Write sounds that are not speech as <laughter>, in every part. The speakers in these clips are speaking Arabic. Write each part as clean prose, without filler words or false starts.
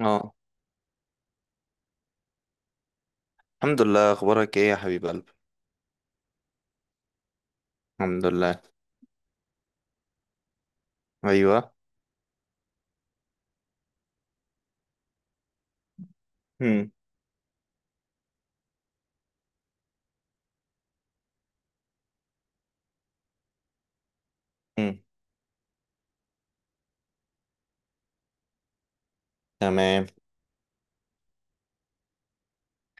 اه. الحمد لله، اخبارك ايه يا حبيب قلبي؟ الحمد لله. ايوه. هم. هم. تمام.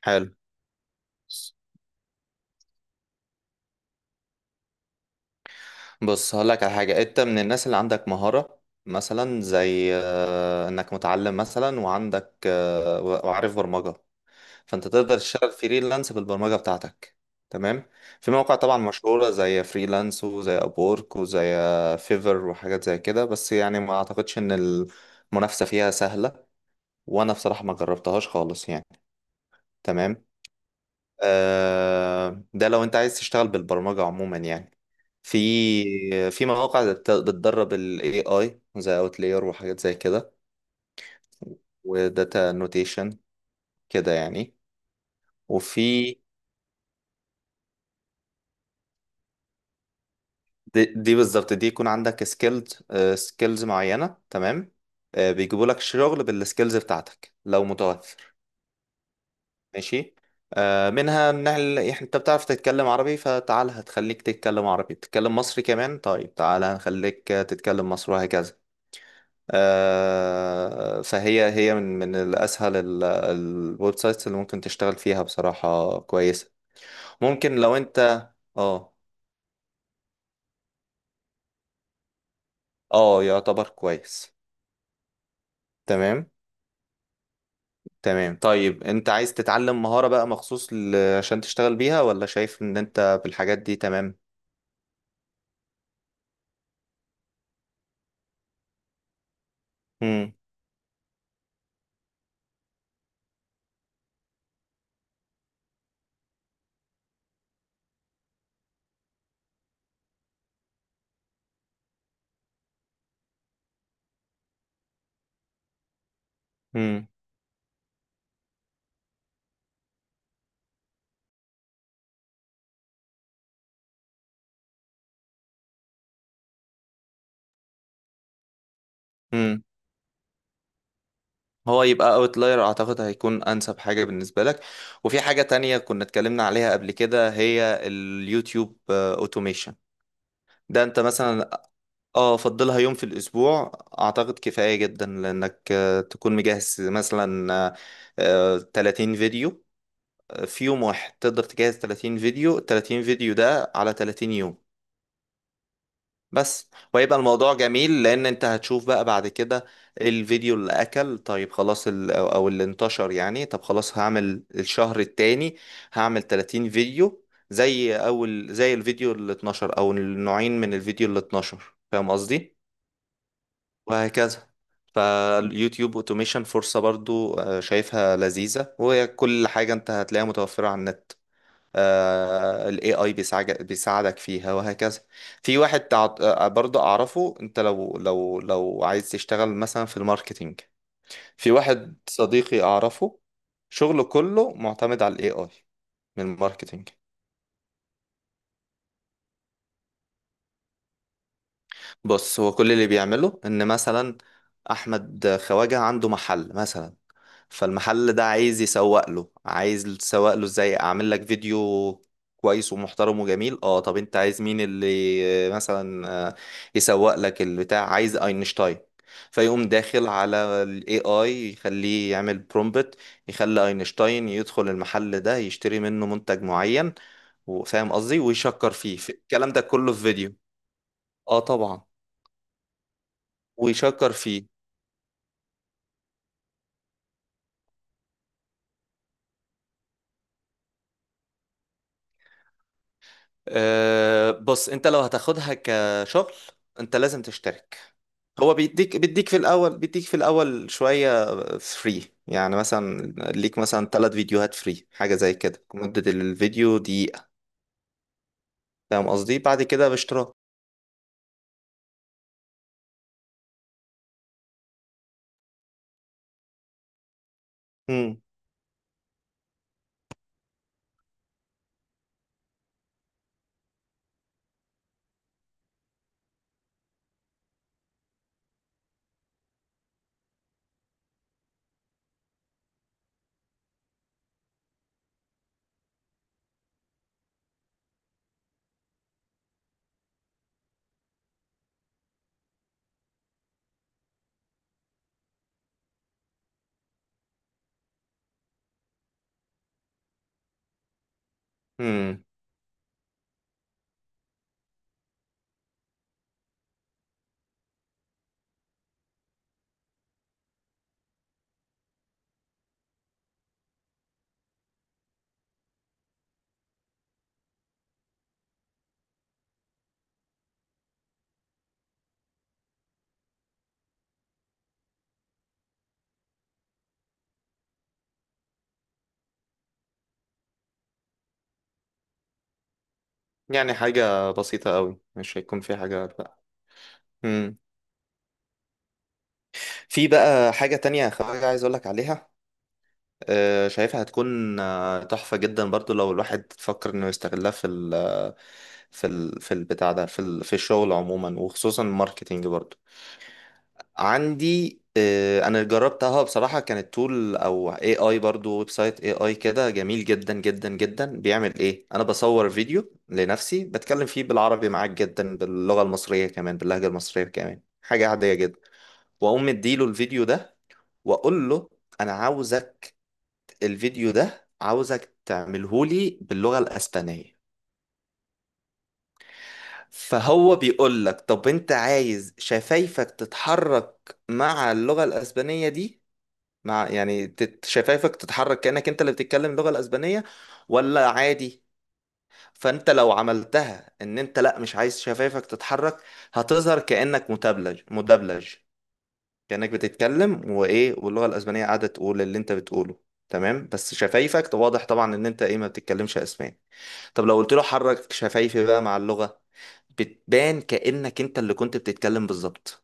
حلو. بص هقول لك على حاجه، انت من الناس اللي عندك مهاره. مثلا زي انك متعلم مثلا، وعندك وعارف برمجه. فانت تقدر تشتغل فريلانس بالبرمجه بتاعتك. تمام. في مواقع طبعا مشهوره، زي فريلانس وزي ابورك وزي فيفر، وحاجات زي كده، بس يعني ما اعتقدش ان المنافسه فيها سهله. وانا بصراحه ما جربتهاش خالص يعني. تمام. ده لو انت عايز تشتغل بالبرمجة عموما يعني، في في مواقع بتدرب ال AI زي Outlier وحاجات زي كده، وداتا نوتيشن كده يعني. وفي دي بالظبط، دي يكون عندك سكيلز معينة. تمام. بيجيبوا لك شغل بالسكيلز بتاعتك لو متوفر. ماشي. منها ان انت بتعرف تتكلم عربي، فتعال هتخليك تتكلم عربي، تتكلم مصري كمان. طيب تعال هنخليك تتكلم مصري، وهكذا. فهي من الأسهل الويب سايتس اللي ممكن تشتغل فيها، بصراحة كويسة. ممكن لو أنت. اه. اه، يعتبر كويس. تمام. تمام. طيب أنت عايز تتعلم مهارة بقى مخصوص عشان تشتغل بيها، ولا شايف إن أنت بالحاجات دي تمام؟ مم. مم. مم. هو يبقى اوتلاير، اعتقد هيكون انسب حاجة بالنسبة لك. وفي حاجة تانية كنا اتكلمنا عليها قبل كده، هي اليوتيوب اوتوميشن. ده انت مثلا اه فضلها يوم في الاسبوع، اعتقد كفاية جدا. لانك تكون مجهز مثلا 30 فيديو. في يوم واحد تقدر تجهز 30 فيديو. 30 فيديو ده على 30 يوم بس. ويبقى الموضوع جميل لان انت هتشوف بقى بعد كده الفيديو اللي اكل. طيب خلاص ال- او أو اللي انتشر يعني. طب خلاص، هعمل الشهر التاني هعمل 30 فيديو، زي اول زي الفيديو اللي 12، او النوعين من الفيديو اللي 12، فاهم قصدي، وهكذا. فاليوتيوب اوتوميشن فرصة برضو شايفها لذيذة، وهي كل حاجة انت هتلاقيها متوفرة على النت. ال AI بيساعدك فيها وهكذا. في واحد برضو اعرفه، انت لو عايز تشتغل مثلا في الماركتينج. في واحد صديقي اعرفه، شغله كله معتمد على ال AI، من الماركتينج. بص هو كل اللي بيعمله ان مثلا احمد خواجه عنده محل مثلا. فالمحل ده عايز يسوق له، عايز تسوق له ازاي؟ اعمل لك فيديو كويس ومحترم وجميل. اه طب انت عايز مين اللي مثلا يسوق لك البتاع؟ عايز اينشتاين. فيقوم داخل على الاي اي، يخليه يعمل برومبت. يخلي اينشتاين يدخل المحل ده، يشتري منه منتج معين، وفاهم قصدي، ويشكر فيه الكلام ده كله في فيديو. اه طبعا. ويشكر فيه. أه بص، انت لو هتاخدها كشغل انت لازم تشترك. هو بيديك في الاول، بيديك في الاول شوية فري، يعني مثلا ليك مثلا 3 فيديوهات فري، حاجة زي كده، مدة الفيديو دقيقة، فاهم قصدي. بعد كده باشتراك. امم. امم. يعني حاجة بسيطة قوي، مش هيكون في حاجة بقى. امم. في بقى حاجة تانية يا خواجة عايز اقولك عليها. شايفها هتكون تحفة جدا برضو، لو الواحد فكر انه يستغلها في ال آه، في ال في البتاع ده، في في الشغل عموما، وخصوصا الماركتينج برضو. عندي انا جربتها بصراحة. كانت تول او اي اي برضو، ويب سايت اي اي كده، جميل جدا جدا جدا. بيعمل ايه؟ انا بصور فيديو لنفسي بتكلم فيه بالعربي، معاك جدا، باللغة المصرية كمان، باللهجة المصرية كمان، حاجة عادية جدا. واقوم مديله الفيديو ده، واقول له انا عاوزك الفيديو ده عاوزك تعملهولي باللغة الأسبانية. فهو بيقول لك طب انت عايز شفايفك تتحرك مع اللغة الأسبانية دي؟ مع يعني شفايفك تتحرك كأنك انت اللي بتتكلم اللغة الأسبانية، ولا عادي؟ فانت لو عملتها ان انت لا مش عايز شفايفك تتحرك، هتظهر كأنك مدبلج مدبلج. كأنك بتتكلم وايه، واللغة الأسبانية قاعدة تقول اللي انت بتقوله. تمام، بس شفايفك واضح طبعا ان انت ايه، ما بتتكلمش اسباني. طب لو قلت له حرك شفايفي بقى مع اللغة، بتبان كأنك انت اللي كنت بتتكلم بالظبط.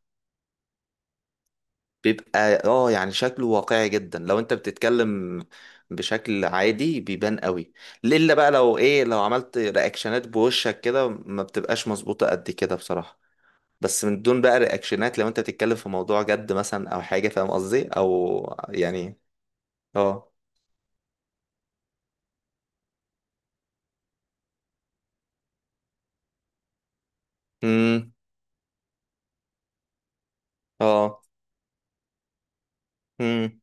بيبقى يعني شكله واقعي جدا لو انت بتتكلم بشكل عادي، بيبان قوي. الا بقى لو ايه، لو عملت رياكشنات بوشك كده، ما بتبقاش مظبوطة قد كده بصراحة. بس من دون بقى رياكشنات، لو انت بتتكلم في موضوع جد مثلا او حاجة، فاهم قصدي، او يعني. اه. امم. اه. امم.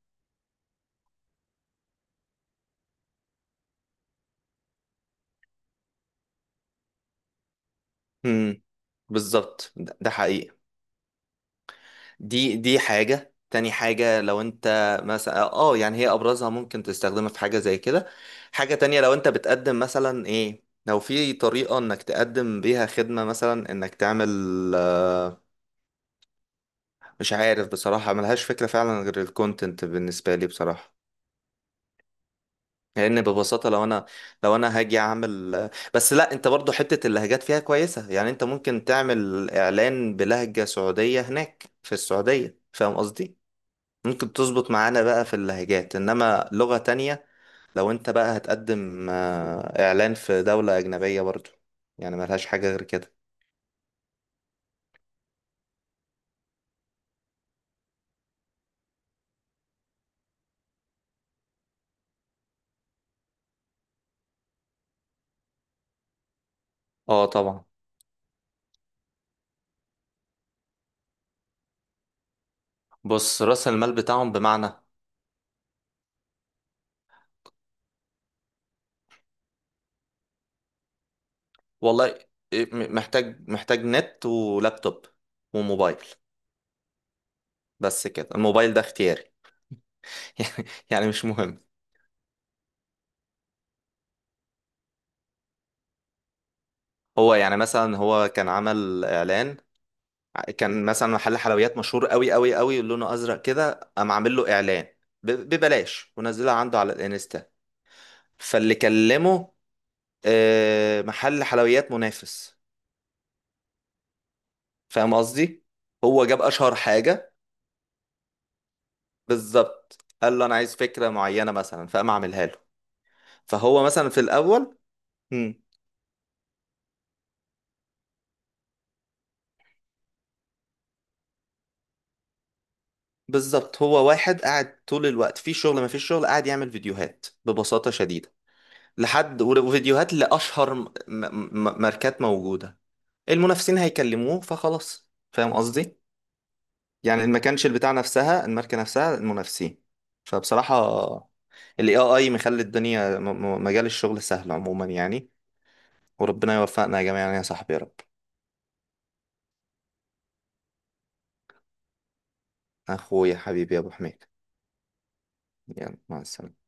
امم. بالظبط، ده حقيقي. دي حاجة تاني. حاجة لو انت مثلا يعني، هي ابرزها ممكن تستخدمها في حاجة زي كده. حاجة تانية لو انت بتقدم مثلا ايه، لو في طريقة انك تقدم بيها خدمة، مثلا انك تعمل آه، مش عارف بصراحة، ملهاش فكرة فعلا غير الكونتنت بالنسبة لي بصراحة. لان ببساطة لو انا هاجي اعمل. بس لا، انت برضو حتة اللهجات فيها كويسة. يعني انت ممكن تعمل اعلان بلهجة سعودية هناك في السعودية، فاهم قصدي؟ ممكن تظبط معانا بقى في اللهجات، انما لغة تانية. لو انت بقى هتقدم اعلان في دولة اجنبية برضو، يعني ملهاش حاجة غير كده. اه طبعا. بص رأس المال بتاعهم بمعنى. والله، إيه، محتاج نت ولابتوب وموبايل. بس كده. الموبايل ده اختياري <laughs> يعني، مش مهم. هو يعني مثلا، هو كان عمل اعلان. كان مثلا محل حلويات مشهور قوي قوي قوي، لونه ازرق كده. قام عامل له اعلان ببلاش، ونزلها عنده على الانستا. فاللي كلمه محل حلويات منافس، فاهم قصدي. هو جاب اشهر حاجه بالظبط، قال له انا عايز فكره معينه مثلا، فقام اعملها له. فهو مثلا في الاول. مم. بالظبط، هو واحد قاعد طول الوقت في شغل، ما فيش شغل، قاعد يعمل فيديوهات ببساطه شديده. لحد وفيديوهات لاشهر ماركات موجوده. المنافسين هيكلموه فخلاص، فاهم قصدي. يعني ما كانش البتاع نفسها، الماركة نفسها، المنافسين. فبصراحة ال AI مخلي الدنيا مجال الشغل سهل عموما يعني. وربنا يوفقنا يا جماعة يعني، يا صاحبي، يا رب. أخويا حبيبي يا أبو حميد. يلا مع السلامة.